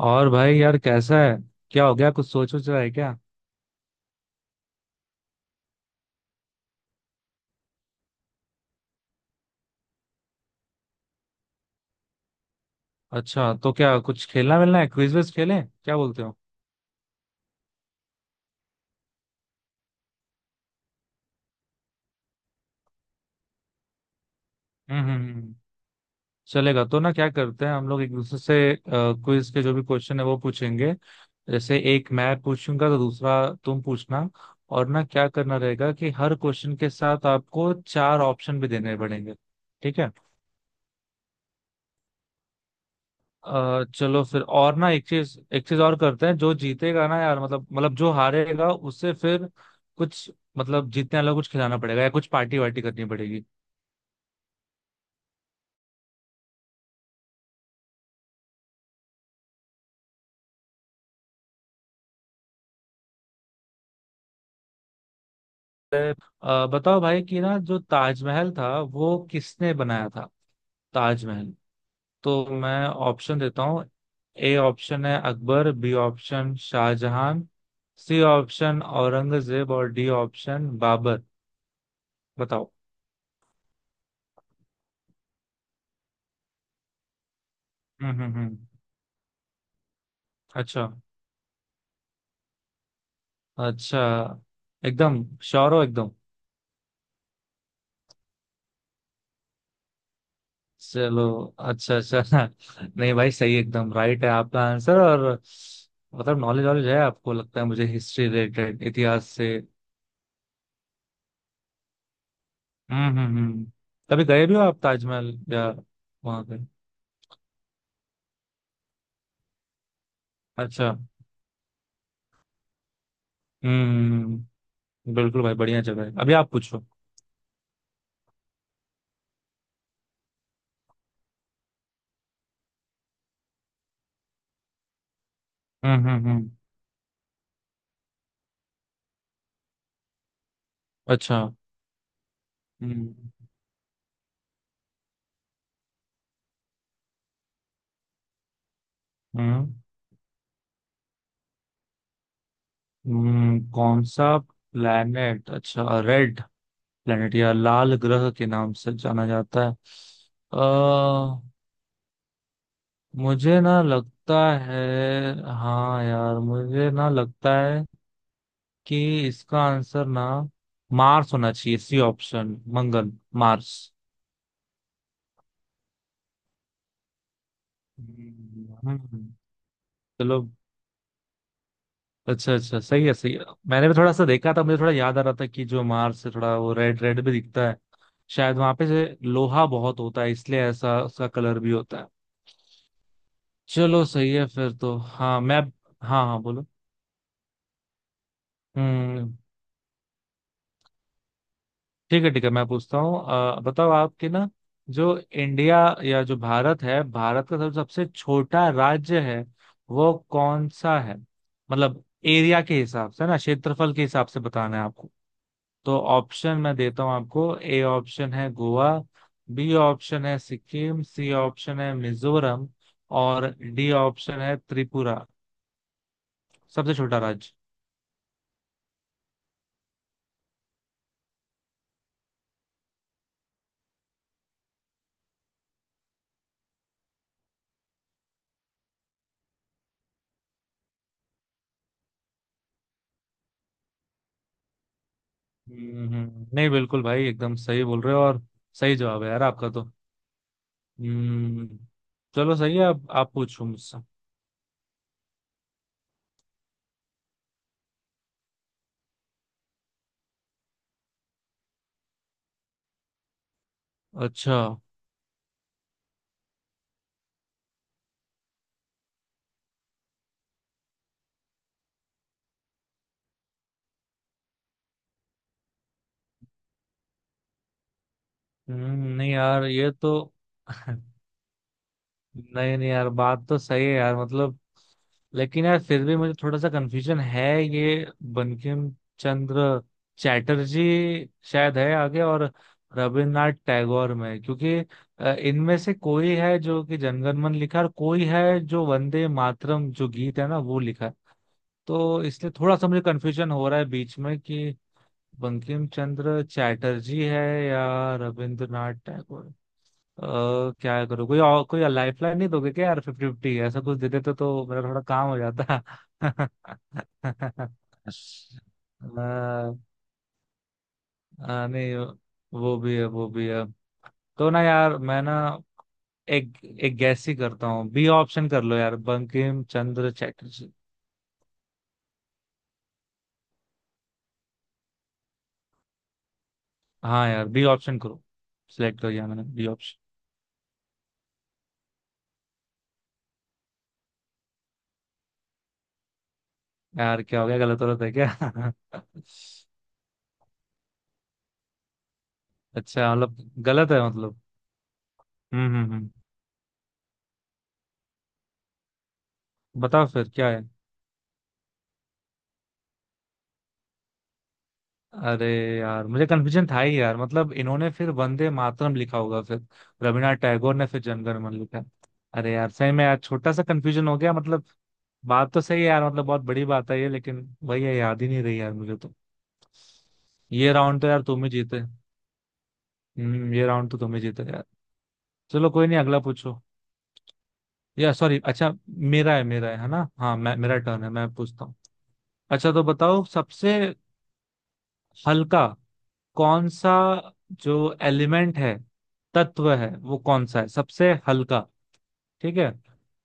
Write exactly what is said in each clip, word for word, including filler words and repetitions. और भाई यार कैसा है? क्या हो गया, कुछ सोच सोच रहा है क्या? अच्छा, तो क्या कुछ खेलना मिलना है, क्विज विज खेलें, क्या बोलते हो? हम्म हम्म हम्म। हम्म। चलेगा तो ना, क्या करते हैं हम लोग एक दूसरे से, क्विज के जो भी क्वेश्चन है वो पूछेंगे। जैसे एक मैं पूछूंगा तो दूसरा तुम पूछना। और ना क्या करना रहेगा कि हर क्वेश्चन के साथ आपको चार ऑप्शन भी देने पड़ेंगे। ठीक है? अ, चलो फिर। और ना एक चीज एक चीज और करते हैं, जो जीतेगा ना यार, मतलब मतलब जो हारेगा उससे फिर कुछ, मतलब जीतने वाला को कुछ खिलाना पड़ेगा या कुछ पार्टी वार्टी करनी पड़ेगी। अ, बताओ भाई कि ना, जो ताजमहल था वो किसने बनाया था? ताजमहल। तो मैं ऑप्शन देता हूँ। ए ऑप्शन है Akbar, B option Shahjahan, C option Aurangzeb और डी ऑप्शन बाबर। बताओ। हम्म हम्म हम्म। अच्छा। अच्छा। एकदम श्योर हो एकदम? चलो, अच्छा अच्छा। नहीं भाई, सही, एकदम राइट है आपका आंसर। और मतलब नॉलेज वॉलेज है आपको, लगता है मुझे, हिस्ट्री रिलेटेड, इतिहास से। हम्म हम्म हम्म। कभी गए भी हो आप ताजमहल या वहां पे? अच्छा। हम्म। हम्म, हम्म। बिल्कुल भाई, बढ़िया जगह है। अभी आप पूछो। हम्म हम्म हम्म। अच्छा। हम्म। हम्म हम्म, कौन सा प्लैनेट, अच्छा, रेड प्लैनेट या लाल ग्रह के नाम से जाना जाता है। अ मुझे ना लगता है, हाँ यार मुझे ना लगता है कि इसका आंसर ना मार्स होना चाहिए, सी ऑप्शन, मंगल, मार्स। हम्म। चलो, अच्छा अच्छा, सही है सही है। मैंने भी थोड़ा सा देखा था, मुझे थोड़ा याद आ रहा था कि जो मार्स से थोड़ा वो रेड रेड भी दिखता है। शायद वहां पे से लोहा बहुत होता है, इसलिए ऐसा उसका कलर भी होता है। चलो सही है फिर तो। हाँ मैं, हाँ हाँ, बोलो। हम्म। ठीक है ठीक है, मैं पूछता हूँ। अ, बताओ, आपके ना जो इंडिया या जो भारत है, भारत का सब सबसे छोटा राज्य है वो कौन सा है? मतलब एरिया के हिसाब से ना, क्षेत्रफल के हिसाब से बताना है आपको। तो ऑप्शन मैं देता हूँ आपको। ए ऑप्शन है गोवा, बी ऑप्शन है सिक्किम, सी ऑप्शन है मिजोरम और डी ऑप्शन है त्रिपुरा। सबसे छोटा राज्य। हम्म, नहीं बिल्कुल भाई, एकदम सही बोल रहे हो। और सही जवाब है यार आपका तो। हम्म। चलो सही है। आप आप पूछो मुझसे। अच्छा। हम्म, नहीं यार ये तो। नहीं नहीं यार, बात तो सही है यार मतलब, लेकिन यार फिर भी मुझे थोड़ा सा कंफ्यूजन है ये। बंकिम चंद्र चैटर्जी शायद है, आगे और रविन्द्रनाथ टैगोर में, क्योंकि अ, इनमें से कोई है जो कि जनगणमन लिखा है और कोई है जो वंदे मातरम, जो गीत है ना, वो लिखा है। तो इसलिए थोड़ा सा मुझे कंफ्यूजन हो रहा है बीच में कि बंकिम चंद्र चैटर्जी है या रविंद्रनाथ टैगोर। अ, क्या करूँ, कोई और, कोई लाइफ लाइन नहीं दोगे क्या यार? फिफ्टी फिफ्टी ऐसा कुछ दे देते तो मेरा थोड़ा काम हो जाता। अ, अ, नहीं, वो भी है वो भी है। तो ना यार मैं ना एक एक गैस ही करता हूँ। बी ऑप्शन कर लो यार, बंकिम चंद्र चैटर्जी। हाँ यार बी ऑप्शन करो, सिलेक्ट कर लिया मैंने बी ऑप्शन। यार क्या हो गया, गलत हो रहा था क्या? अच्छा, मतलब गलत है मतलब। हम्म हम्म हम्म। बताओ फिर क्या है। अरे यार मुझे कन्फ्यूजन था ही यार मतलब, इन्होंने फिर वंदे मातरम लिखा होगा फिर, रविन्द्रनाथ टैगोर ने फिर जनगण मन लिखा। अरे यार सही में यार, छोटा सा कन्फ्यूजन हो गया मतलब। बात तो सही है यार मतलब, बहुत बड़ी बात है ये, लेकिन वही है, याद ही नहीं रही यार मुझे तो। ये राउंड तो यार तुम ही जीते। हम्म, ये राउंड तो तुम ही जीते यार। चलो कोई नहीं, अगला पूछो। या सॉरी अच्छा, मेरा है मेरा है है ना, हाँ मैं, मेरा टर्न है, मैं पूछता हूँ। अच्छा तो बताओ, सबसे हल्का कौन सा जो एलिमेंट है, तत्व है, वो कौन सा है सबसे हल्का? ठीक है।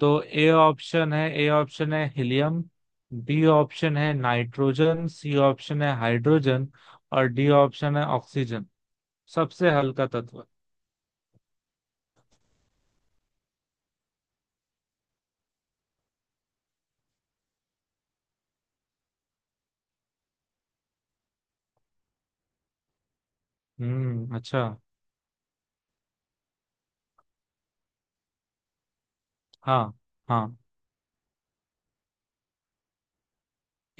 तो ए ऑप्शन है, ए ऑप्शन है हीलियम, बी ऑप्शन है नाइट्रोजन, सी ऑप्शन है हाइड्रोजन और डी ऑप्शन है ऑक्सीजन। सबसे हल्का तत्व। हम्म। अच्छा। हाँ हाँ।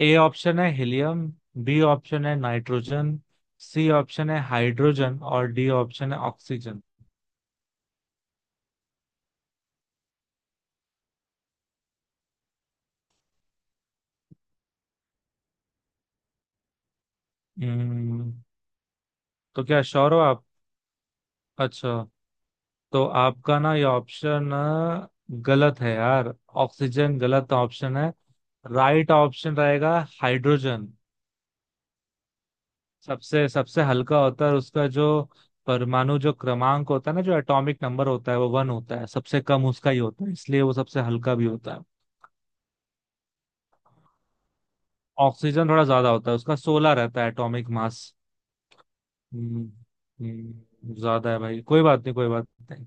ए ऑप्शन है हीलियम, बी ऑप्शन है नाइट्रोजन, सी ऑप्शन है हाइड्रोजन और डी ऑप्शन है ऑक्सीजन। हम्म। तो क्या श्योर हो आप? अच्छा। तो आपका ना ये ऑप्शन गलत है यार। ऑक्सीजन गलत ऑप्शन है। राइट ऑप्शन रहेगा हाइड्रोजन। सबसे सबसे हल्का होता है, और उसका जो परमाणु जो क्रमांक होता है ना, जो एटॉमिक नंबर होता है, वो वन होता है, सबसे कम उसका ही होता है, इसलिए वो सबसे हल्का भी होता है। ऑक्सीजन थोड़ा ज्यादा होता है, उसका सोलह रहता है एटॉमिक मास। हम्म, हम्म, ज्यादा है भाई, कोई बात नहीं कोई बात नहीं।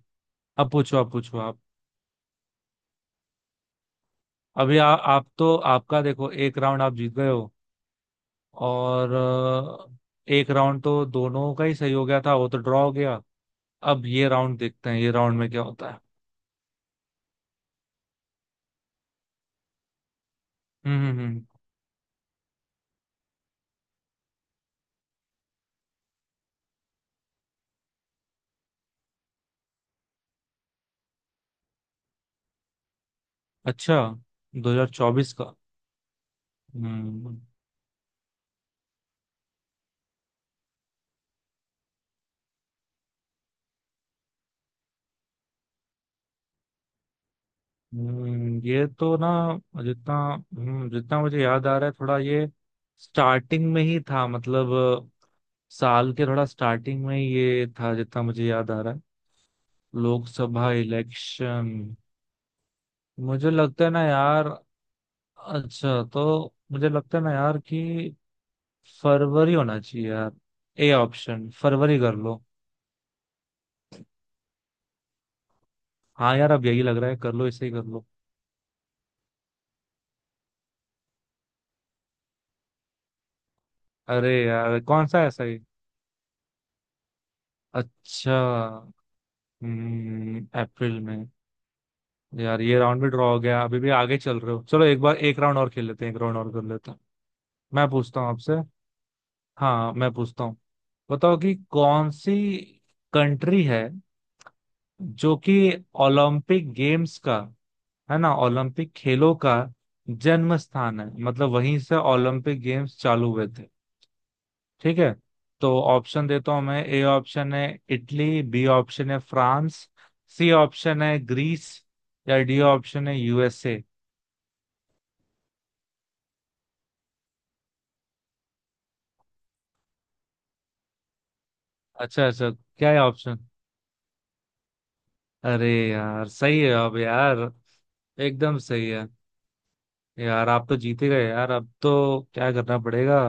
अब पूछो अब पूछो आप। अभी आ, आप तो, आपका देखो एक राउंड आप जीत गए हो, और अ, एक राउंड तो दोनों का ही सही हो गया था, वो तो ड्रॉ हो गया। अब ये राउंड देखते हैं, ये राउंड में क्या होता है। हम्म हम्म हम्म। अच्छा, दो हज़ार चौबीस का। हम्म हम्म, ये तो ना, जितना, हम्म, जितना मुझे याद आ रहा है, थोड़ा ये स्टार्टिंग में ही था मतलब। अ, साल के थोड़ा स्टार्टिंग में ही ये था जितना मुझे याद आ रहा है। लोकसभा इलेक्शन। मुझे लगता है ना यार, अच्छा तो मुझे लगता है ना यार कि फरवरी होना चाहिए यार, ए ऑप्शन, फरवरी कर लो। हाँ यार, अब यही लग रहा है, कर लो इसे ही कर लो। अरे यार, कौन सा, ऐसा ही? अच्छा। हम्म, अप्रैल में। यार ये राउंड भी ड्रॉ हो गया, अभी भी आगे चल रहे हो। चलो एक बार एक राउंड और खेल लेते हैं, एक राउंड और कर लेते हैं। मैं पूछता हूँ आपसे। हाँ मैं पूछता हूँ। बताओ कि कौन सी कंट्री है जो कि ओलंपिक गेम्स का, है ना, ओलंपिक खेलों का जन्म स्थान है, मतलब वहीं से ओलंपिक गेम्स चालू हुए थे। ठीक है। तो ऑप्शन देता हूं मैं। ए ऑप्शन है इटली, बी ऑप्शन है फ्रांस, सी ऑप्शन है ग्रीस या डी ऑप्शन है यूएसए। अच्छा अच्छा, क्या है ऑप्शन? अरे यार सही है अब यार, एकदम सही है। यार आप तो जीते गए यार, अब तो क्या करना पड़ेगा?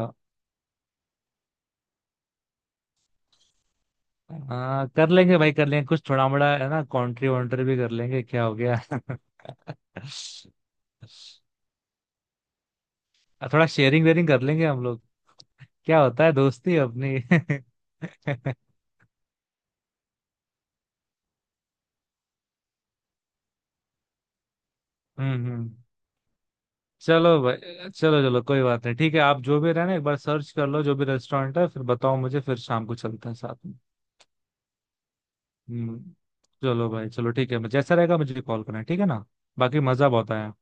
हाँ कर लेंगे भाई कर लेंगे, कुछ थोड़ा मोड़ा है ना, कॉन्ट्री वॉन्ट्री भी कर लेंगे, क्या हो गया? थोड़ा शेयरिंग वेयरिंग कर लेंगे हम लोग, क्या होता है, दोस्ती है अपनी। हम्म हम्म। चलो भाई, चलो चलो कोई बात नहीं, ठीक है आप जो भी रहना, एक बार सर्च कर लो जो भी रेस्टोरेंट है, फिर बताओ मुझे, फिर शाम को चलते हैं साथ में। हम्म। चलो भाई, चलो ठीक है, जैसा रहेगा मुझे कॉल करना, ठीक है ना? बाकी मजा बहुत आया।